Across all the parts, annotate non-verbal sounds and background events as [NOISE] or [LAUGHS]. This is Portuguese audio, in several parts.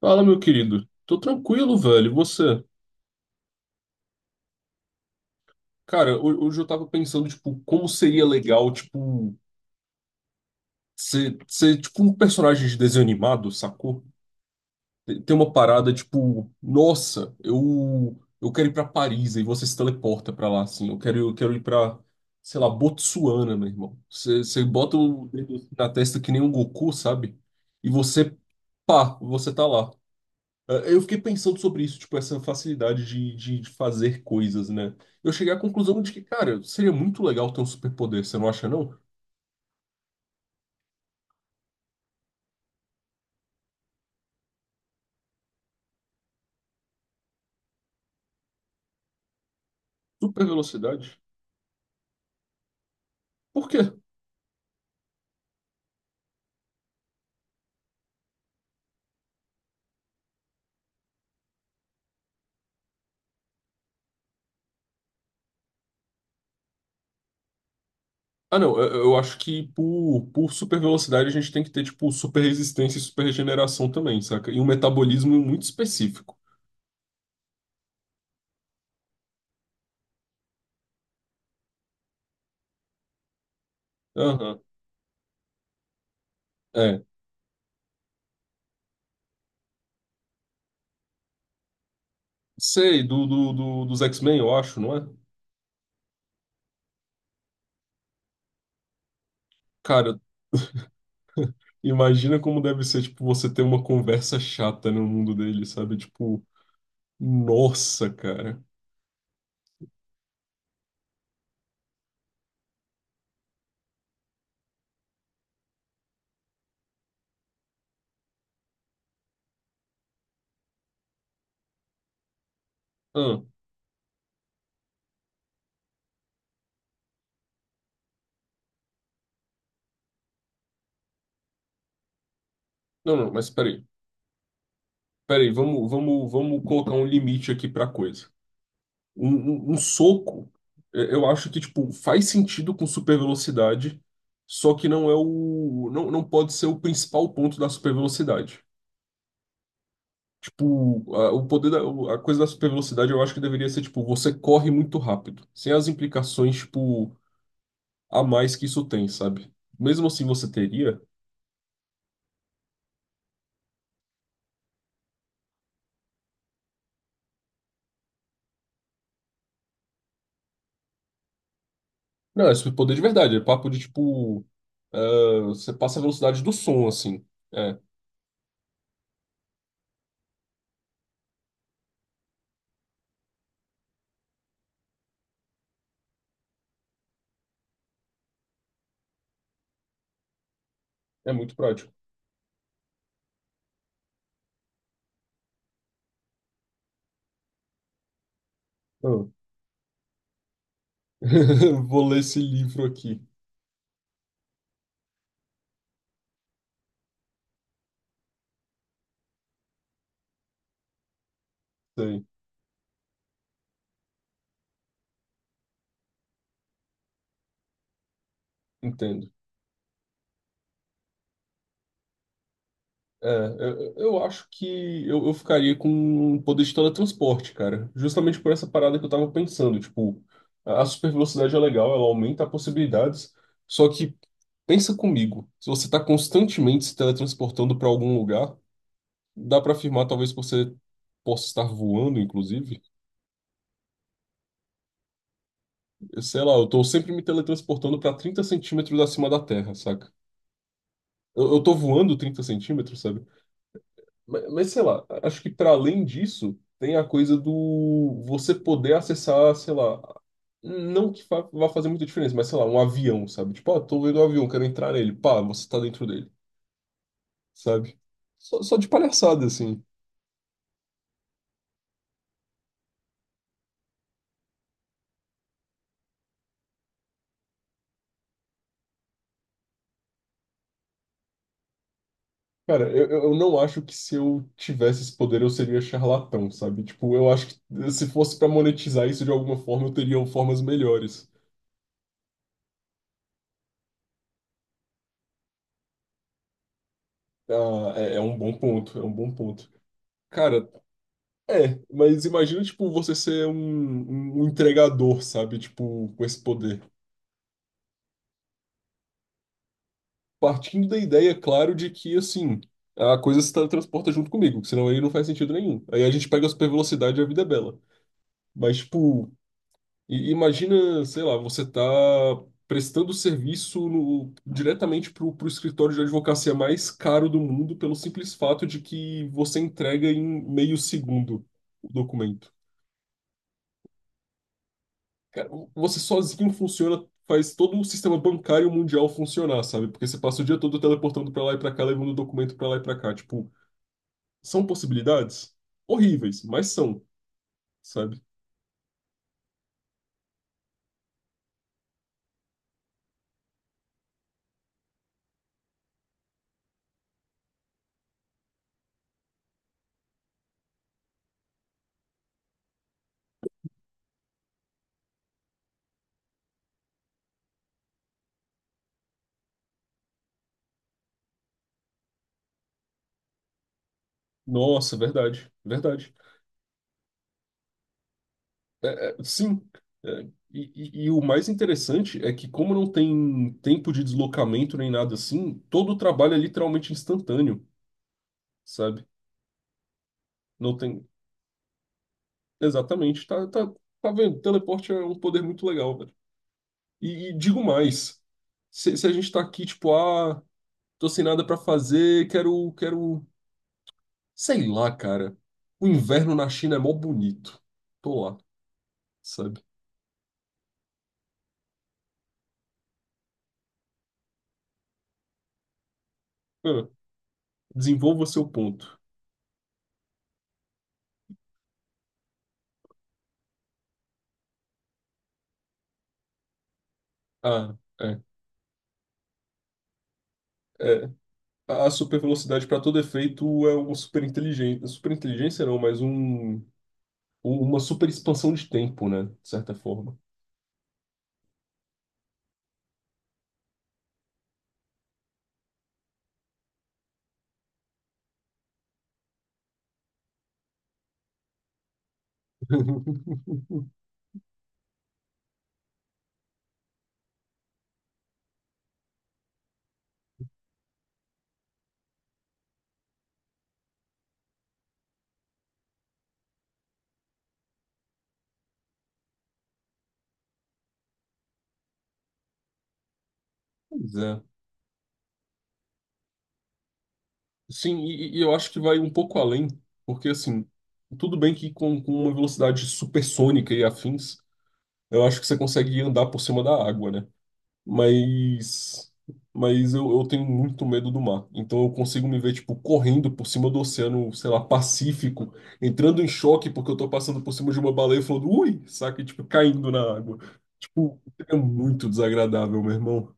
Fala, meu querido. Tô tranquilo, velho. E você? Cara, hoje eu tava pensando, tipo, como seria legal, tipo, ser tipo um personagem de desenho animado, sacou? Tem uma parada, tipo, nossa, eu quero ir pra Paris, aí você se teleporta pra lá, assim. Eu quero ir pra, sei lá, Botsuana, meu irmão. Você bota o dedo assim na testa que nem um Goku, sabe? E você, pá, você tá lá. Eu fiquei pensando sobre isso, tipo, essa facilidade de fazer coisas, né? Eu cheguei à conclusão de que, cara, seria muito legal ter um superpoder, você não acha, não? Super velocidade. Por quê? Ah, não, eu acho que por super velocidade a gente tem que ter, tipo, super resistência e super regeneração também, saca? E um metabolismo muito específico. Aham, é. Sei, dos X-Men, eu acho, não é? Cara, imagina como deve ser, tipo, você ter uma conversa chata no mundo dele, sabe? Tipo, nossa, cara. Não, não, mas peraí. Peraí, vamos, vamos, vamos colocar um limite aqui pra coisa. Um soco, é, eu acho que, tipo, faz sentido com super velocidade, só que não é o. Não, não pode ser o principal ponto da super velocidade. Tipo, o poder da, a coisa da super velocidade eu acho que deveria ser, tipo, você corre muito rápido, sem as implicações, tipo, a mais que isso tem, sabe? Mesmo assim você teria. Não, é super poder de verdade, é papo de, tipo, ah, você passa a velocidade do som, assim. É. É muito prático. Ah. [LAUGHS] Vou ler esse livro aqui. Sei, entendo. É, eu acho que eu ficaria com o poder de teletransporte, cara. Justamente por essa parada que eu tava pensando. Tipo, a super velocidade é legal, ela aumenta possibilidades. Só que, pensa comigo, se você tá constantemente se teletransportando pra algum lugar, dá pra afirmar, talvez você possa estar voando, inclusive. Sei lá, eu tô sempre me teletransportando pra 30 centímetros acima da Terra, saca? Eu tô voando 30 centímetros, sabe? Mas, sei lá, acho que para além disso, tem a coisa do você poder acessar, sei lá, não que vá fazer muita diferença, mas sei lá, um avião, sabe? Tipo, ah, tô vendo um avião, quero entrar nele. Pá, você tá dentro dele, sabe? Só, só de palhaçada, assim. Cara, eu não acho que se eu tivesse esse poder eu seria charlatão, sabe? Tipo, eu acho que se fosse para monetizar isso de alguma forma, eu teria formas melhores. Ah, é é um bom ponto, é um bom ponto. Cara, é, mas imagina, tipo, você ser um, um entregador, sabe? Tipo, com esse poder. Partindo da ideia, claro, de que, assim, a coisa se teletransporta junto comigo, que senão aí não faz sentido nenhum. Aí a gente pega a super velocidade e a vida é bela. Mas, tipo, imagina, sei lá, você tá prestando serviço no, diretamente pro, pro escritório de advocacia mais caro do mundo pelo simples fato de que você entrega em meio segundo o documento. Cara, você sozinho funciona, faz todo o sistema bancário mundial funcionar, sabe? Porque você passa o dia todo teleportando pra lá e pra cá, levando documento pra lá e pra cá. Tipo, são possibilidades horríveis, mas são, sabe? Nossa, verdade, verdade. É, sim. É, e, e o mais interessante é que, como não tem tempo de deslocamento nem nada assim, todo o trabalho é literalmente instantâneo, sabe? Não tem. Exatamente, tá, tá, tá vendo? Teleporte é um poder muito legal. E digo mais, se a gente tá aqui, tipo, ah, tô sem nada pra fazer, quero, quero, sei lá, cara. O inverno na China é mó bonito. Tô lá, sabe? Ah, desenvolva seu ponto. Ah, é, é. A super velocidade para todo efeito é uma super inteligência. Super inteligência não, mas um, uma super expansão de tempo, né? De certa forma. Pois é. Sim, e eu acho que vai um pouco além, porque assim, tudo bem que com uma velocidade supersônica e afins, eu acho que você consegue andar por cima da água, né? Mas, mas eu tenho muito medo do mar, então eu consigo me ver, tipo, correndo por cima do oceano, sei lá, Pacífico, entrando em choque porque eu tô passando por cima de uma baleia e falando, ui, saca, e, tipo, caindo na água. Tipo, é muito desagradável, meu irmão,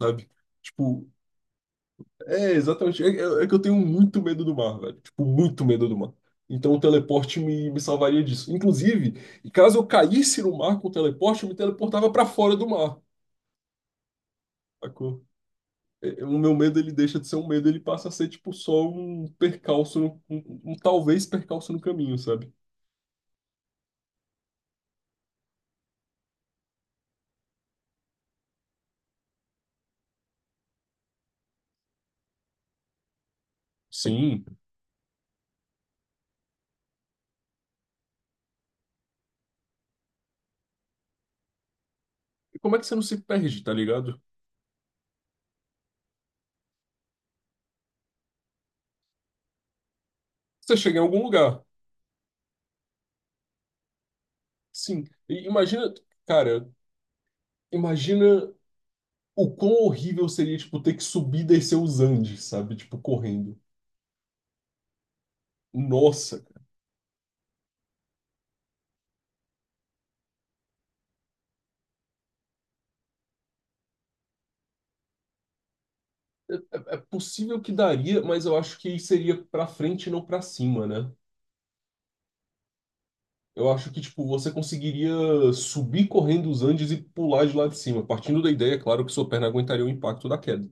sabe? Tipo, é, exatamente. É, é que eu tenho muito medo do mar, velho. Tipo, muito medo do mar. Então o teleporte me salvaria disso. Inclusive, caso eu caísse no mar com o teleporte, eu me teleportava pra fora do mar. Sacou? É, é, o meu medo, ele deixa de ser um medo, ele passa a ser, tipo, só um percalço, um, um talvez percalço no caminho, sabe? Sim. E como é que você não se perde, tá ligado? Você chega em algum lugar. Sim. E imagina, cara, imagina o quão horrível seria, tipo, ter que subir e descer os Andes, sabe? Tipo, correndo. Nossa, cara, é possível que daria, mas eu acho que seria pra frente e não pra cima, né? Eu acho que, tipo, você conseguiria subir correndo os Andes e pular de lá de cima, partindo da ideia, é claro, que sua perna aguentaria o impacto da queda.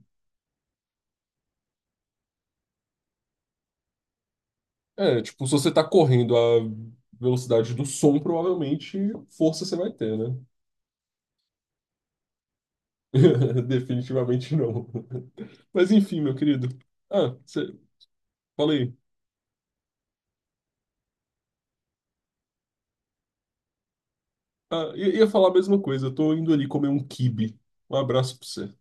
É, tipo, se você tá correndo à velocidade do som, provavelmente força você vai ter, né? [LAUGHS] Definitivamente não. Mas enfim, meu querido. Ah, você... falei. Ah, ia falar a mesma coisa, eu tô indo ali comer um quibe. Um abraço pra você.